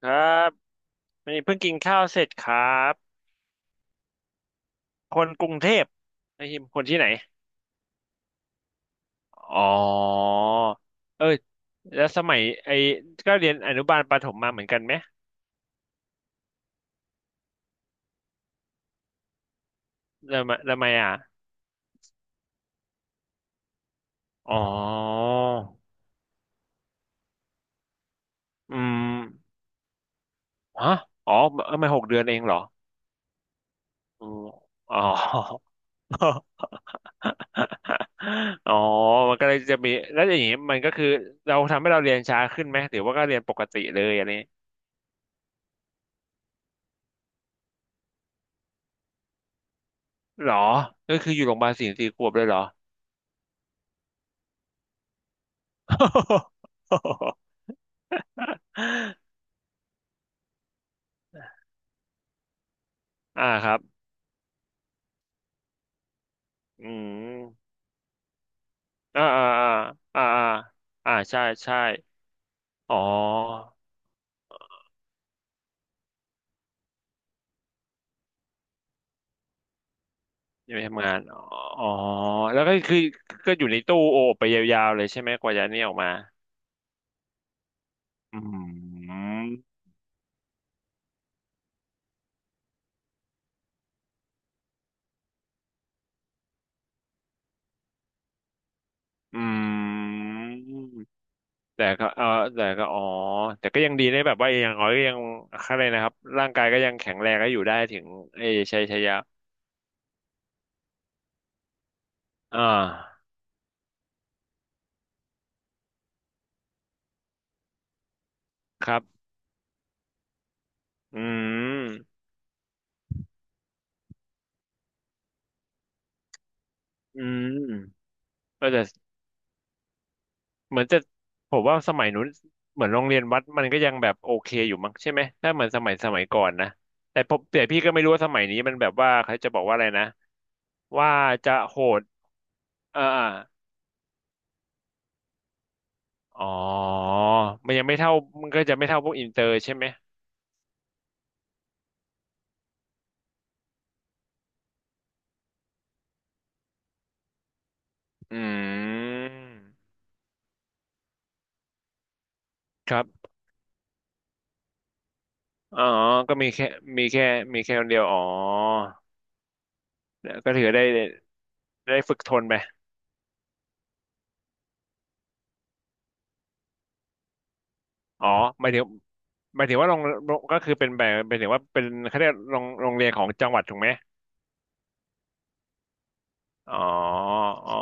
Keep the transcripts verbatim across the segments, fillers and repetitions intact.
ครับนี่เพิ่งกินข้าวเสร็จครับคนกรุงเทพนายฮิมคนที่ไหนอ๋อเอ้ยแล้วสมัยไอ้ก็เรียนอนุบาลประถมมาเหมือนกันไหมแล้วมาแล้วมาอ่ะอ๋ออืมฮะอ๋อเอ้มาหกเดือนเองเหรออืมอ๋อ อ๋อมันก็เลยจะมีแล้วอย่างนี้มันก็คือเราทำให้เราเรียนช้าขึ้นไหมหรือว่าก็เรียนปกติเลยอะไนี้หรอก็คืออยู่โรงพยาบาลสี่สี่ขวบเลยเหรอ อ่าครับ อืมอ่าอ่าอ่าอ่าอ่าอ่าใช่ใช่อ๋ออยู่ในทำงานอ๋ออ๋อแล้วก็คือก็อยู่ในตู้โอบไปยาวๆเลยใช่ไหมกว่าจะนี่ออกมาอืมอืมแต่ก็เออแต่ก็อ๋อแต่ก็ยังดีนะแบบว่าอย่างน้อยก็ยังอะไรนะครับร่างกายก็ยังแข็งแรงก็อยู่ได้ถึงเออชัยชยะ อ่าครับ อืม อืมก็จะ เหมือนจะผมว่าสมัยนู้นเหมือนโรงเรียนวัดมันก็ยังแบบโอเคอยู่มั้งใช่ไหมถ้าเหมือนสมัยสมัยก่อนนะแต่ผมแต่พี่ก็ไม่รู้ว่าสมัยนี้มันแบบว่าเขาจะบอกว่าอะไรนะว่าจะโหดเอาอาอ๋อมันยังไม่เท่ามันก็จะไม่เท่าพวกอินเตอร์ใช่ไหมอืมครับอ๋อก็มีแค่มีแค่มีแค่คนเดียวอ๋อก็ถือได้ได้ฝึกทนไปอ๋อหมายถึงหมายถึงว่าโรงโรงก็คือเป็นแบบหมายถึงว่าเป็นเขาเรียกโรงโรงเรียนของจังหวัดถูกไหม อ๋ออ๋อ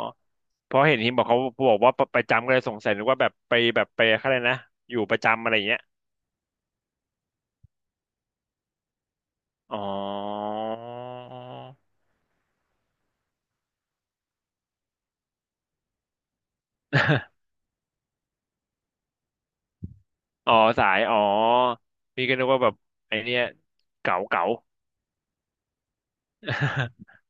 เพราะเห็นทีมบอกเขาบอกว่าประจำก็เลยสงสัยนึกว่าแบบไปแบบไปอะไรนะอยู่ประจำอะไรอย่างเงี้ยอ๋อ อ๋อสายอ๋อพี่ก็นึกว่าแบบไอเนี้ยเก๋าเก๋า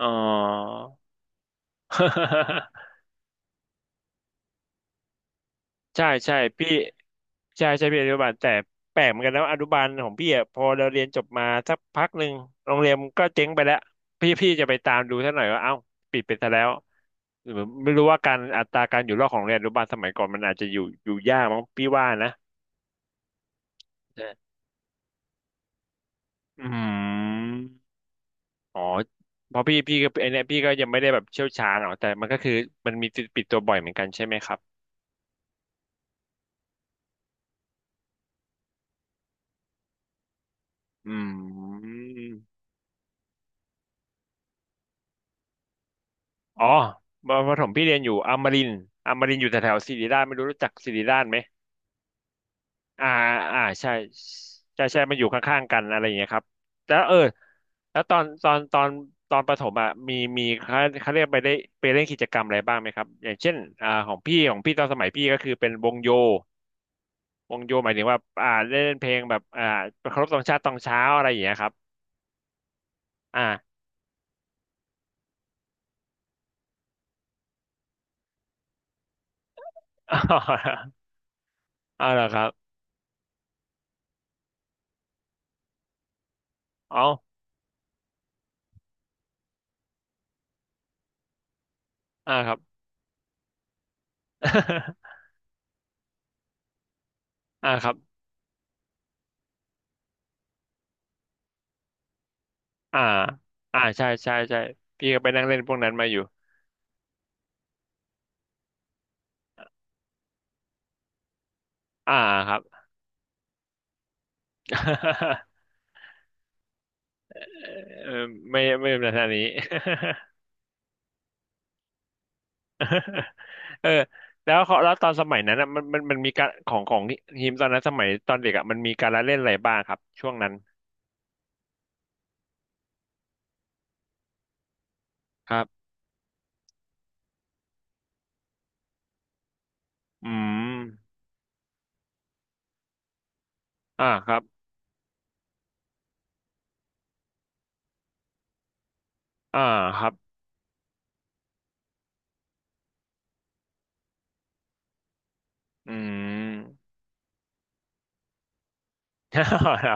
อ๋อ ใช่ใช่พี่ใช่ใช่พี่อนุบาลแต่แปลกเหมือนกันนะว่าอนุบาลของพี่อะพอเราเรียนจบมาสักพักหนึ่งโรงเรียนก็เจ๊งไปแล้วพี่พี่จะไปตามดูซะหน่อยว่าเอ้าปิดไปซะแล้วหรือไม่รู้ว่าการอัตราการอยู่รอดของโรงเรียนอนุบาลสมัยก่อนมันอาจจะอยู่อยู่ยากมั้งพี่ว่านะใช่อืมอ๋อเพราะพี่พี่ก็ไอเนี้ยพี่ก็ยังไม่ได้แบบเชี่ยวชาญหรอกแต่มันก็คือมันมีปิดตัวบ่อยเหมือนกันใช่ไหมครับอืม อ๋อประถมพี่เรียนอยู่อมรินทร์อมรินทร์อยู่แถวๆศิริราชไม่รู้รู้จักศิริราชไหมอ่าอ่าใช่ใช่ใช่มันอยู่ข้างๆกันอะไรอย่างเงี้ยครับแล้วเออแล้วตอนตอนตอนตอนประถมอ่ะมีมีเขาเขาเรียกไปได้ไปเล่นกิจกรรมอะไรบ้างไหมครับอย่างเช่นอ่าของพี่ของพี่ตอนสมัยพี่ก็คือเป็นวงโยวงโยหมายถึงว่าอ่าเล่นเพลงแบบอ่าเคารพธงชาติตอนเช้าอะไรอย่างเงี้ยครับอ่า อ๋อเหรอครับอ๋ออ่าครับ อ่าครับ อ่าอ่าใช่ใช่ใช่พี่ก็ไปนั่งเล่นพวกนั้นมาอยู่อ่าครับ เออไม่ไม่เป็นทางนี้ เออแล้วเขาแล้วตอนสมัยนั้นอะมันมันมันมีการของของทีมตอนนั้นสมัยตอนเด็กอ่ะมันมีการละเล่นอะไรบ้างครับช่วงนั้นครับอืมอ่าครับอ่าครับอืม เหรอ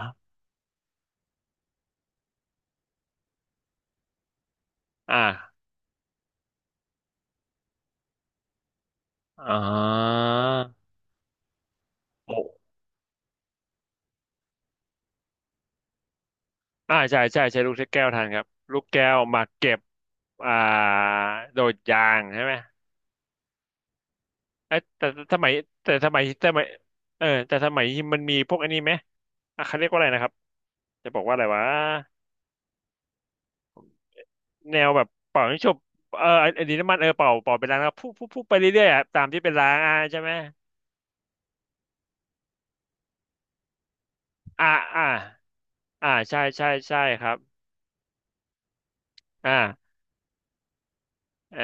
อ่าอ๋อ อ่าใช่ใช่ใช้ลูกแก้วทันครับลูกแก้วมาเก็บอ่าโดดยางใช่ไหมเอ้ยแต่แต่สมัยแต่สมัยสมัยเออแต่สมัยมันมีพวกอันนี้ไหมอ่ะเขาเรียกว่าอะไรนะครับจะบอกว่าอะไรวะแนวแบบเป่าให้จบเออไอ้ไอันนี้น้ำมันเออเป่าเป่าเป็นล้างแล้วพุ่พุ่พุ่ไปเรื่อยๆอ่ะตามที่เป็นล้างอ่ะใช่ไหมอ่าอ่าอ่าใช่ใช่ใช่ครับอ่าเออ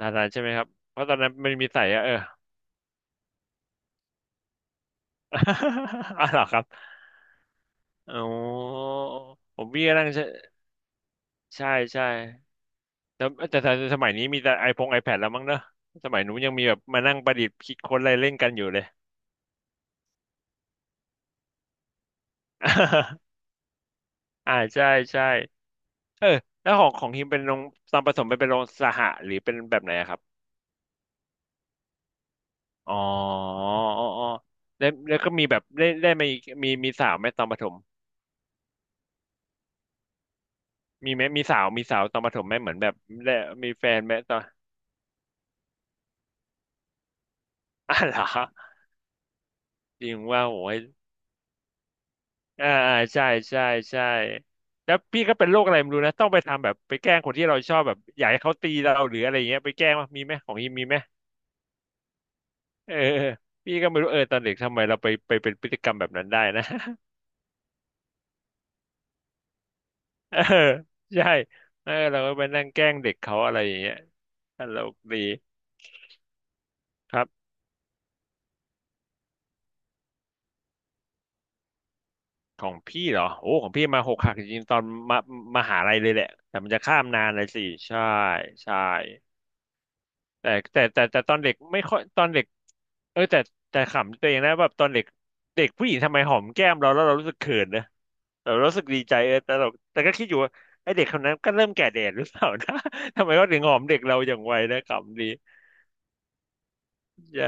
ทันทานใช่ไหมครับเพราะตอนนั้นมันมีใส่อะเออ อ๋อเหรอครับ อ๋อผมพี่ก็นั่งใช่ใช่ใช่แต่แต่แต่สมัยนี้มีแต่ไอพงไอแพดแล้วมั้งเนอะสมัยนู้นยังมีแบบมานั่งประดิษฐ์คิดค้นอะไรเล่นกันอยู่เลย อ่าใช่ใช่เออแล้วของของฮิมเป็นโรงตอนผสมไปเป็นโรงสหะหรือเป็นแบบไหนอะครับอ๋ออ๋ออ๋อแล้วแล้วก็มีแบบได้ได้มาอีกมีมีสาวไหมตอนประถมมีไหมมีสาวมีสาวตอนประถมไหมเหมือนแบบได้มีแฟนไหมตอน อ่ะเหรอจริงว่าโอ้ย อ่าอ่าใช่ใช่ใช่แล้วพี่ก็เป็นโรคอะไรไม่รู้นะต้องไปทำแบบไปแกล้งคนที่เราชอบแบบอยากให้เขาตีเราหรืออะไรเงี้ยไปแกล้งมั้ยมีไหมของฮิมมีไหมเออพี่ก็ไม่รู้เออตอนเด็กทำไมเราไปไปเป็นพฤติกรรมแบบนั้นได้นะ เออใช่เออเราก็ไปนั่งแกล้งเด็กเขาอะไรอย่างเงี้ยตลกดีครับของพี่เหรอโอ้ของพี่มาหกหักจริงๆตอนมามหาลัยเลยแหละแต่มันจะข้ามนานเลยสิใช่ใช่ แต่แต่แต่แต่ตอนเด็กไม่ค่อยตอนเด็กเออแต่แต่ขำตัวเองนะแบบตอนเด็กเด็กผู้หญิงทำไมหอมแก้มเราแล้วเรารู้สึกเขินนะเรารู้สึกดีใจเออแต่เราแต่ก็คิดอยู่ว่าไอเด็กคนนั้นก็เริ่มแก่แดดหรือเปล่านะ ทำไมเขาถึงหอมเด็กเราอย่างไวนะขำดีใช่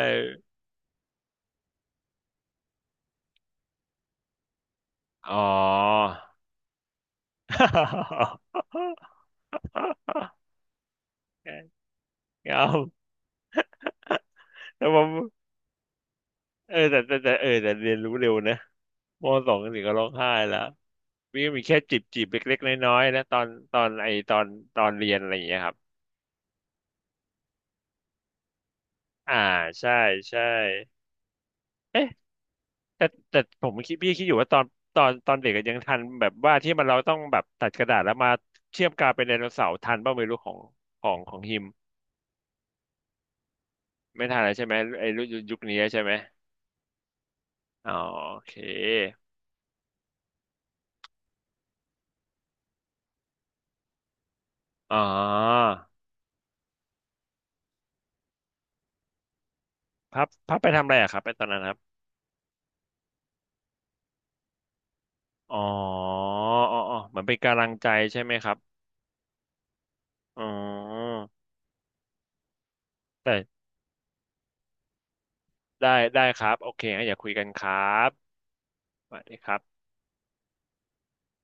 อ๋อ เอาแต่ผมเออแต่แต่แต่เออแต่เรียนรู้เร็วนะมสองถึงก็ร้องไห้แล้ว วี่มีแค่จีบจีบเล็กๆน้อยๆนะตอนตอนไอตอนตอนเรียนอะไรอย่างเงี้ยครับอ่าใช่ใช่เอ๊ะแต่แต่ผมคิดพี่คิดอยู่ว่าตอนตอนตอนเด็กอะยังทันแบบว่าที่มันเราต้องแบบตัดกระดาษแล้วมาเชื่อมกาวเป็นไดโนเสาร์ทันบ้างไม่รู้ของของของฮิมไม่ทันแล้วใช่ไหมไอรุ่นยุคนี้ใช่ไหมอ๋อโอเคอ๋อพับพับไปทำอะไรอะครับไปตอนนั้นครับอ๋ออ๋ออ๋อเหมือนเป็นกำลังใจใช่ไหมครับอ๋อแต่ ได้ได้ครับโอเคงั้นอย่าคุยกันครับสวัสดีครับ